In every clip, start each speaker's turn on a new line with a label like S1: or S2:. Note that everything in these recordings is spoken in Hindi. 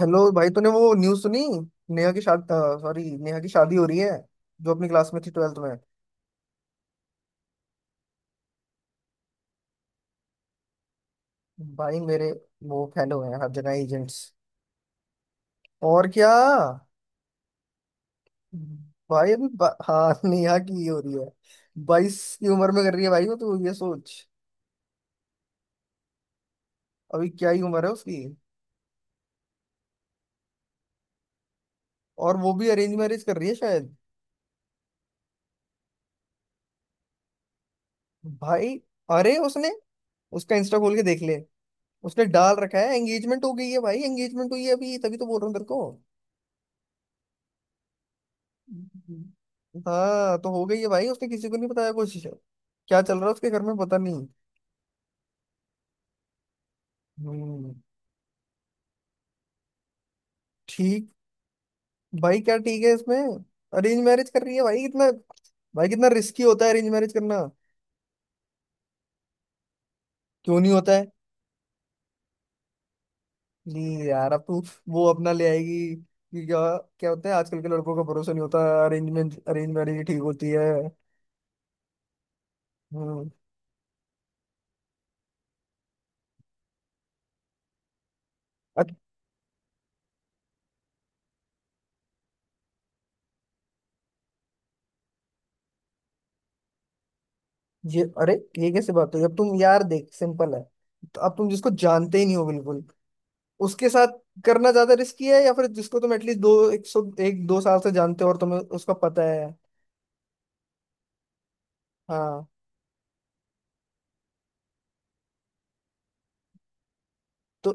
S1: हेलो भाई, तूने वो न्यूज़ सुनी? नेहा की शादी। सॉरी, नेहा की शादी हो रही है, जो अपनी क्लास में थी, ट्वेल्थ में। भाई मेरे, वो फैन हो गए हैं, हर जगह एजेंट्स। और क्या। हाँ नेहा की ही हो रही है। बाईस की उम्र में कर रही है भाई, वो तो ये सोच। अभी क्या ही उम्र है उसकी। और वो भी अरेंज मैरिज कर रही है शायद। भाई अरे उसने, उसका इंस्टा खोल के देख ले। उसने डाल रखा है, एंगेजमेंट हो गई है भाई, एंगेजमेंट हुई है अभी, तभी तो बोल रहा हूँ तेरे को। हम्म। हाँ तो हो गई है भाई, उसने किसी को नहीं बताया कुछ। क्या चल रहा है उसके घर में, पता नहीं। हम्म। ठीक। भाई क्या ठीक है इसमें? अरेंज मैरिज कर रही है भाई, कितना। भाई कितना रिस्की होता है अरेंज मैरिज करना। क्यों नहीं होता है? नहीं यार, अब तू, वो अपना ले आएगी कि क्या? क्या होता है, आजकल के लड़कों का भरोसा नहीं होता, अरेंजमेंट अरेंज मैरिज ठीक होती है। हम्म। अ- ये अरे, ये कैसे बात हुई? अब तुम यार देख, सिंपल है। तो अब तुम जिसको जानते ही नहीं हो बिल्कुल, उसके साथ करना ज्यादा रिस्की है, या फिर जिसको तुम एटलीस्ट दो, एक सौ, एक दो साल से जानते हो और तुम्हें उसका पता है। हाँ। तो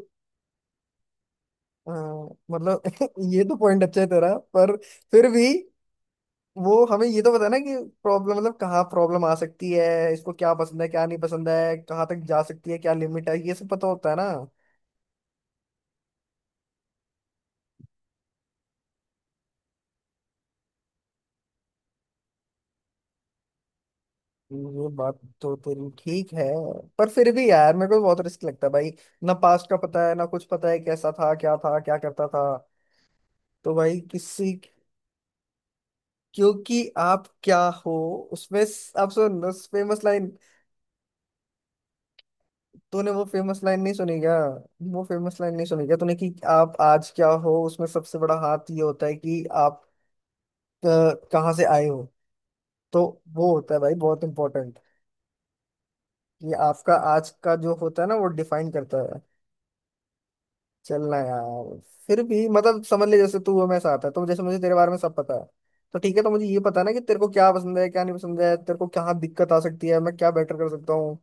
S1: हाँ, मतलब ये तो पॉइंट अच्छा है तेरा, पर फिर भी, वो हमें ये तो पता है ना कि प्रॉब्लम, मतलब कहाँ प्रॉब्लम आ सकती है, इसको क्या पसंद है क्या नहीं पसंद है, कहाँ तक जा सकती है, क्या लिमिट है, ये सब पता होता है ना। ये बात तो तेरी ठीक है, पर फिर भी यार मेरे को बहुत रिस्क लगता है भाई। ना पास्ट का पता है, ना कुछ पता है कैसा था, क्या था, क्या करता था। तो भाई किसी, क्योंकि आप क्या हो उसमें आप सुन उस फेमस लाइन। तूने वो फेमस लाइन नहीं सुनी क्या? वो फेमस लाइन नहीं सुनी क्या तूने, कि आप आज क्या हो उसमें सबसे बड़ा हाथ ये होता है कि आप अ, कहाँ से आए हो। तो वो होता है भाई बहुत इंपॉर्टेंट, कि आपका आज का जो होता है ना, वो डिफाइन करता है। चलना यार, फिर भी मतलब समझ ले, जैसे तू और मैं साथ है, तो जैसे मुझे तेरे बारे में सब पता है, तो ठीक है, तो मुझे ये पता है ना कि तेरे को क्या पसंद है क्या नहीं पसंद है, तेरे को क्या दिक्कत आ सकती है, मैं क्या बेटर कर सकता हूँ।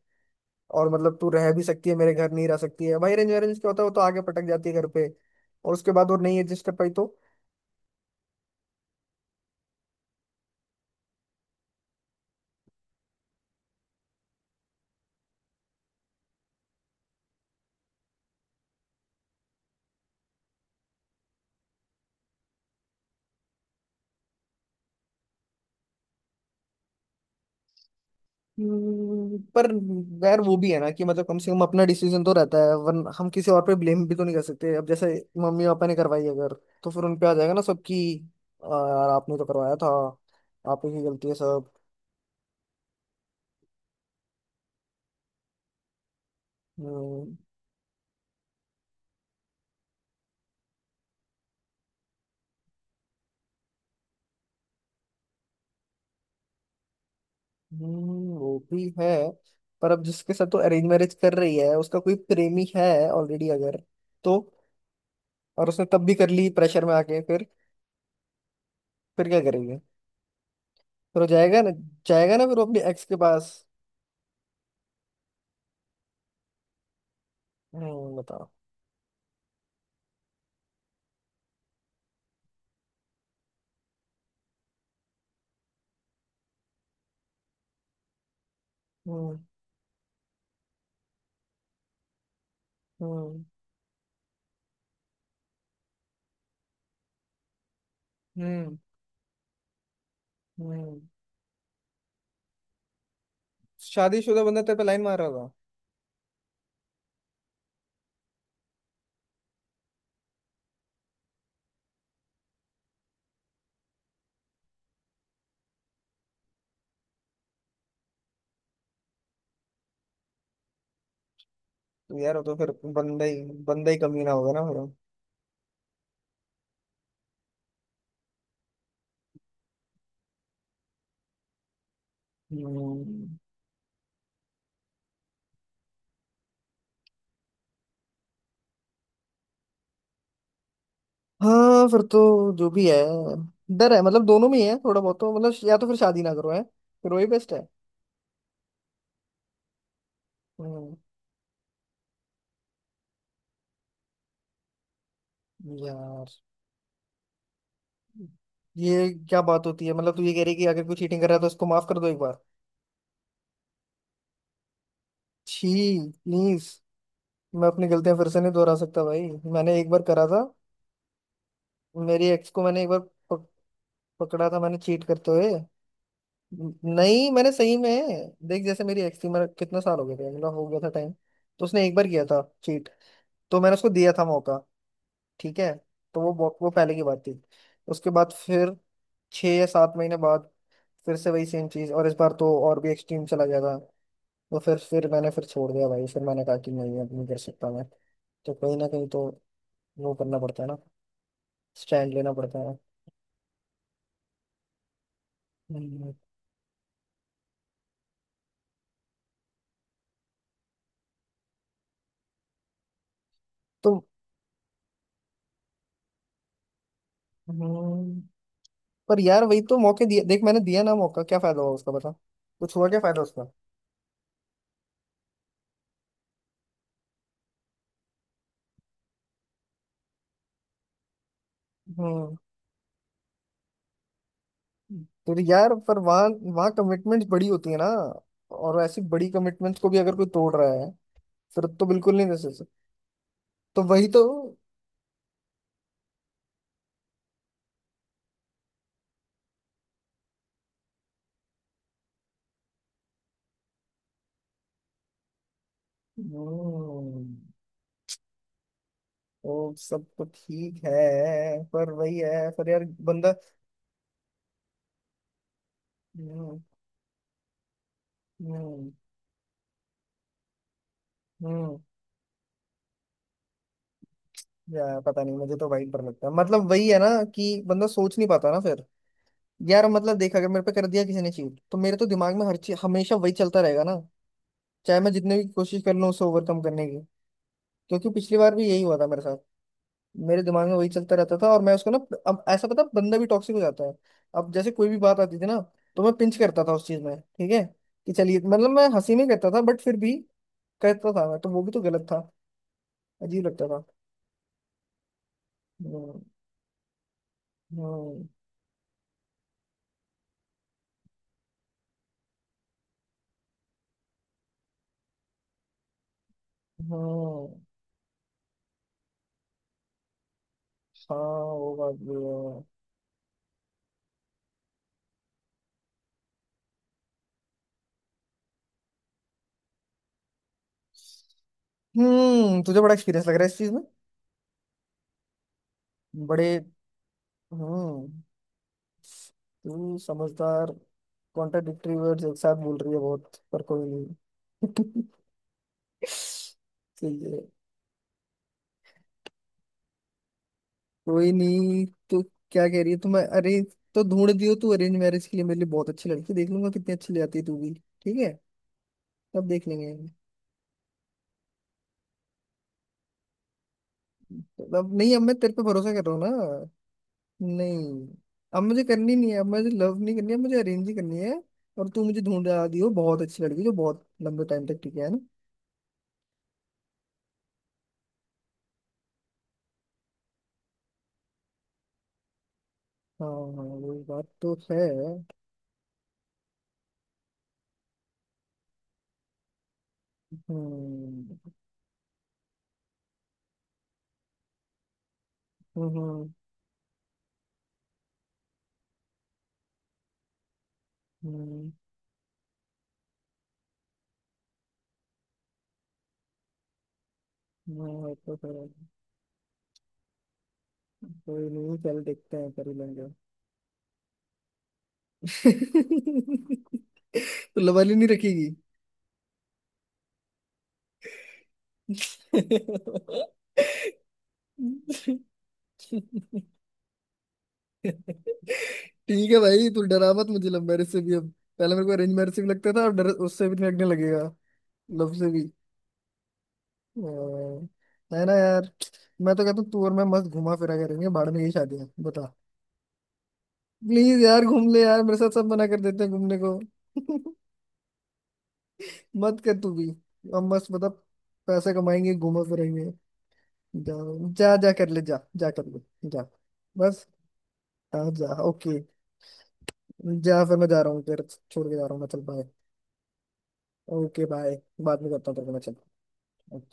S1: और मतलब तू रह भी सकती है मेरे घर, नहीं रह सकती है भाई, अरेंज अरेंज क्या होता है, वो तो आगे पटक जाती है घर पे, और उसके बाद वो नहीं एडजस्ट कर पाई तो। पर यार वो भी है ना कि मतलब कम से कम अपना डिसीजन तो रहता है, वरना हम किसी और पे ब्लेम भी तो नहीं कर सकते। अब जैसे मम्मी पापा ने करवाई अगर, तो फिर उन पे आ जाएगा ना सब, कि "यार आपने तो करवाया था, आप ही की गलती है सब"। हम्म। वो भी है। पर अब जिसके साथ तो अरेंज मैरिज कर रही है, उसका कोई प्रेमी है ऑलरेडी अगर, तो, और उसने तब भी कर ली प्रेशर में आके, फिर क्या करेंगे? फिर वो जाएगा ना, जाएगा ना फिर वो अपनी एक्स के पास। हम्म, बताओ। हम्म। हम्म। हम्म। हम्म। शादीशुदा बंदा तेरे पे लाइन मार रहा होगा। तो यार, वो तो फिर बंदा ही कमीना होगा ना फिर वो। हम्म। हाँ फिर तो, जो भी है, डर है, मतलब दोनों में ही है थोड़ा बहुत, तो मतलब या तो फिर शादी ना करो, है फिर वही बेस्ट है। हम्म। यार, ये क्या बात होती है, मतलब तू ये कह रही है कि अगर कोई चीटिंग कर रहा है तो उसको माफ कर दो एक बार? छी, प्लीज। मैं अपनी गलतियां फिर से नहीं दोहरा सकता भाई। मैंने एक बार करा था, मेरी एक्स को मैंने एक बार पकड़ा था, मैंने चीट करते हुए। नहीं, मैंने सही में, देख जैसे मेरी एक्स थी, मेरा कितना साल हो गया था, मेरा हो गया था टाइम, तो उसने एक बार किया था चीट, तो मैंने उसको दिया था मौका। ठीक है। तो वो पहले की बात थी। उसके बाद फिर छः या सात महीने बाद फिर से वही सेम चीज़, और इस बार तो और भी एक्सट्रीम चला गया था। तो फिर मैंने फिर छोड़ दिया भाई, फिर मैंने कहा कि नहीं, अब नहीं कर सकता मैं। तो कहीं ना कहीं तो वो करना पड़ता है ना, स्टैंड लेना पड़ता है। हम्म, तो। हम्म, पर यार वही तो, मौके दिए देख मैंने, दिया ना मौका, क्या फायदा हुआ उसका, बता? कुछ हुआ? क्या फायदा उसका। हम्म। तो यार पर वहाँ, वहाँ कमिटमेंट्स बड़ी होती है ना, और ऐसी बड़ी कमिटमेंट्स को भी अगर कोई तोड़ रहा है, फिर तो बिल्कुल नहीं दे सकते। तो वही तो। हम्म। तो सब तो ठीक है, पर वही है, पर यार बंदा, हम्म। हम्म। हम्म, यार पता नहीं, मुझे तो वही पर लगता है, मतलब वही है ना कि बंदा सोच नहीं पाता ना फिर। यार मतलब देख, अगर मेरे पे कर दिया किसी ने चीट, तो मेरे तो दिमाग में हर चीज हमेशा वही चलता रहेगा ना, चाहे मैं जितने भी कोशिश कर लूँ उसे ओवरकम करने की। क्योंकि पिछली बार भी यही हुआ था मेरे साथ, मेरे दिमाग में वही चलता रहता था, और मैं उसको ना, अब ऐसा पता है, बंदा भी टॉक्सिक हो जाता है। अब जैसे कोई भी बात आती थी ना, तो मैं पिंच करता था उस चीज में, ठीक है, कि चलिए मतलब मैं हंसी में करता था, बट फिर भी करता था मैं, तो वो भी तो गलत था, अजीब लगता था। हम्म। हम्म। हम्म, हाँ वो बात भी है। हम्म, तुझे बड़ा एक्सपीरियंस लग रहा है इस चीज में, बड़े। हम्म। तू समझदार? कॉन्ट्राडिक्टरी वर्ड्स एक साथ बोल रही है बहुत, पर कोई नहीं। सही है। कोई नहीं, तो क्या कह रही है तुम अरे। तो ढूंढ दियो तू अरेंज मैरिज के लिए मेरे लिए बहुत अच्छी लड़की, देख लूंगा कितनी अच्छी ले आती है तू भी। ठीक है, तब देख लेंगे। तो अब नहीं, अब मैं तेरे पे भरोसा कर रहा हूँ ना। नहीं, अब मुझे करनी नहीं है, अब मुझे लव नहीं करनी है, मुझे अरेंज ही करनी है। और तू मुझे ढूंढ दियो बहुत अच्छी लड़की जो बहुत लंबे टाइम तक टिके है। हाँ हाँ। वो बात तो है। हम्म। हम्म। हम्म। हम्म, हाँ, वो तो है। कोई नहीं, चल देखते हैं, कर ही लेंगे। तो लवाली नहीं रखेगी। ठीक है भाई, तू डरा मत मुझे लव मैरिज से भी अब, पहले मेरे को अरेंज मैरिज से भी लगता था, अब डर उससे भी लगने लगेगा, लव से भी। हाँ, है ना यार, मैं तो कहता हूँ तू और मैं मस्त घुमा फिरा करेंगे, भाड़ में यही शादी है, बता। प्लीज यार घूम ले यार मेरे साथ, सब मना कर देते हैं घूमने को। मत कर तू भी, हम मस्त मतलब पैसे कमाएंगे, घूमा फिरेंगे। जा, जा जा कर ले, जा जा कर ले, जा। बस। हाँ जा, ओके। जा फिर, मैं जा रहा हूँ फिर, छोड़ के जा रहा हूँ मैं, चल बाय। ओके बाय, बाद में करता हूँ तेरे को मैं। चल।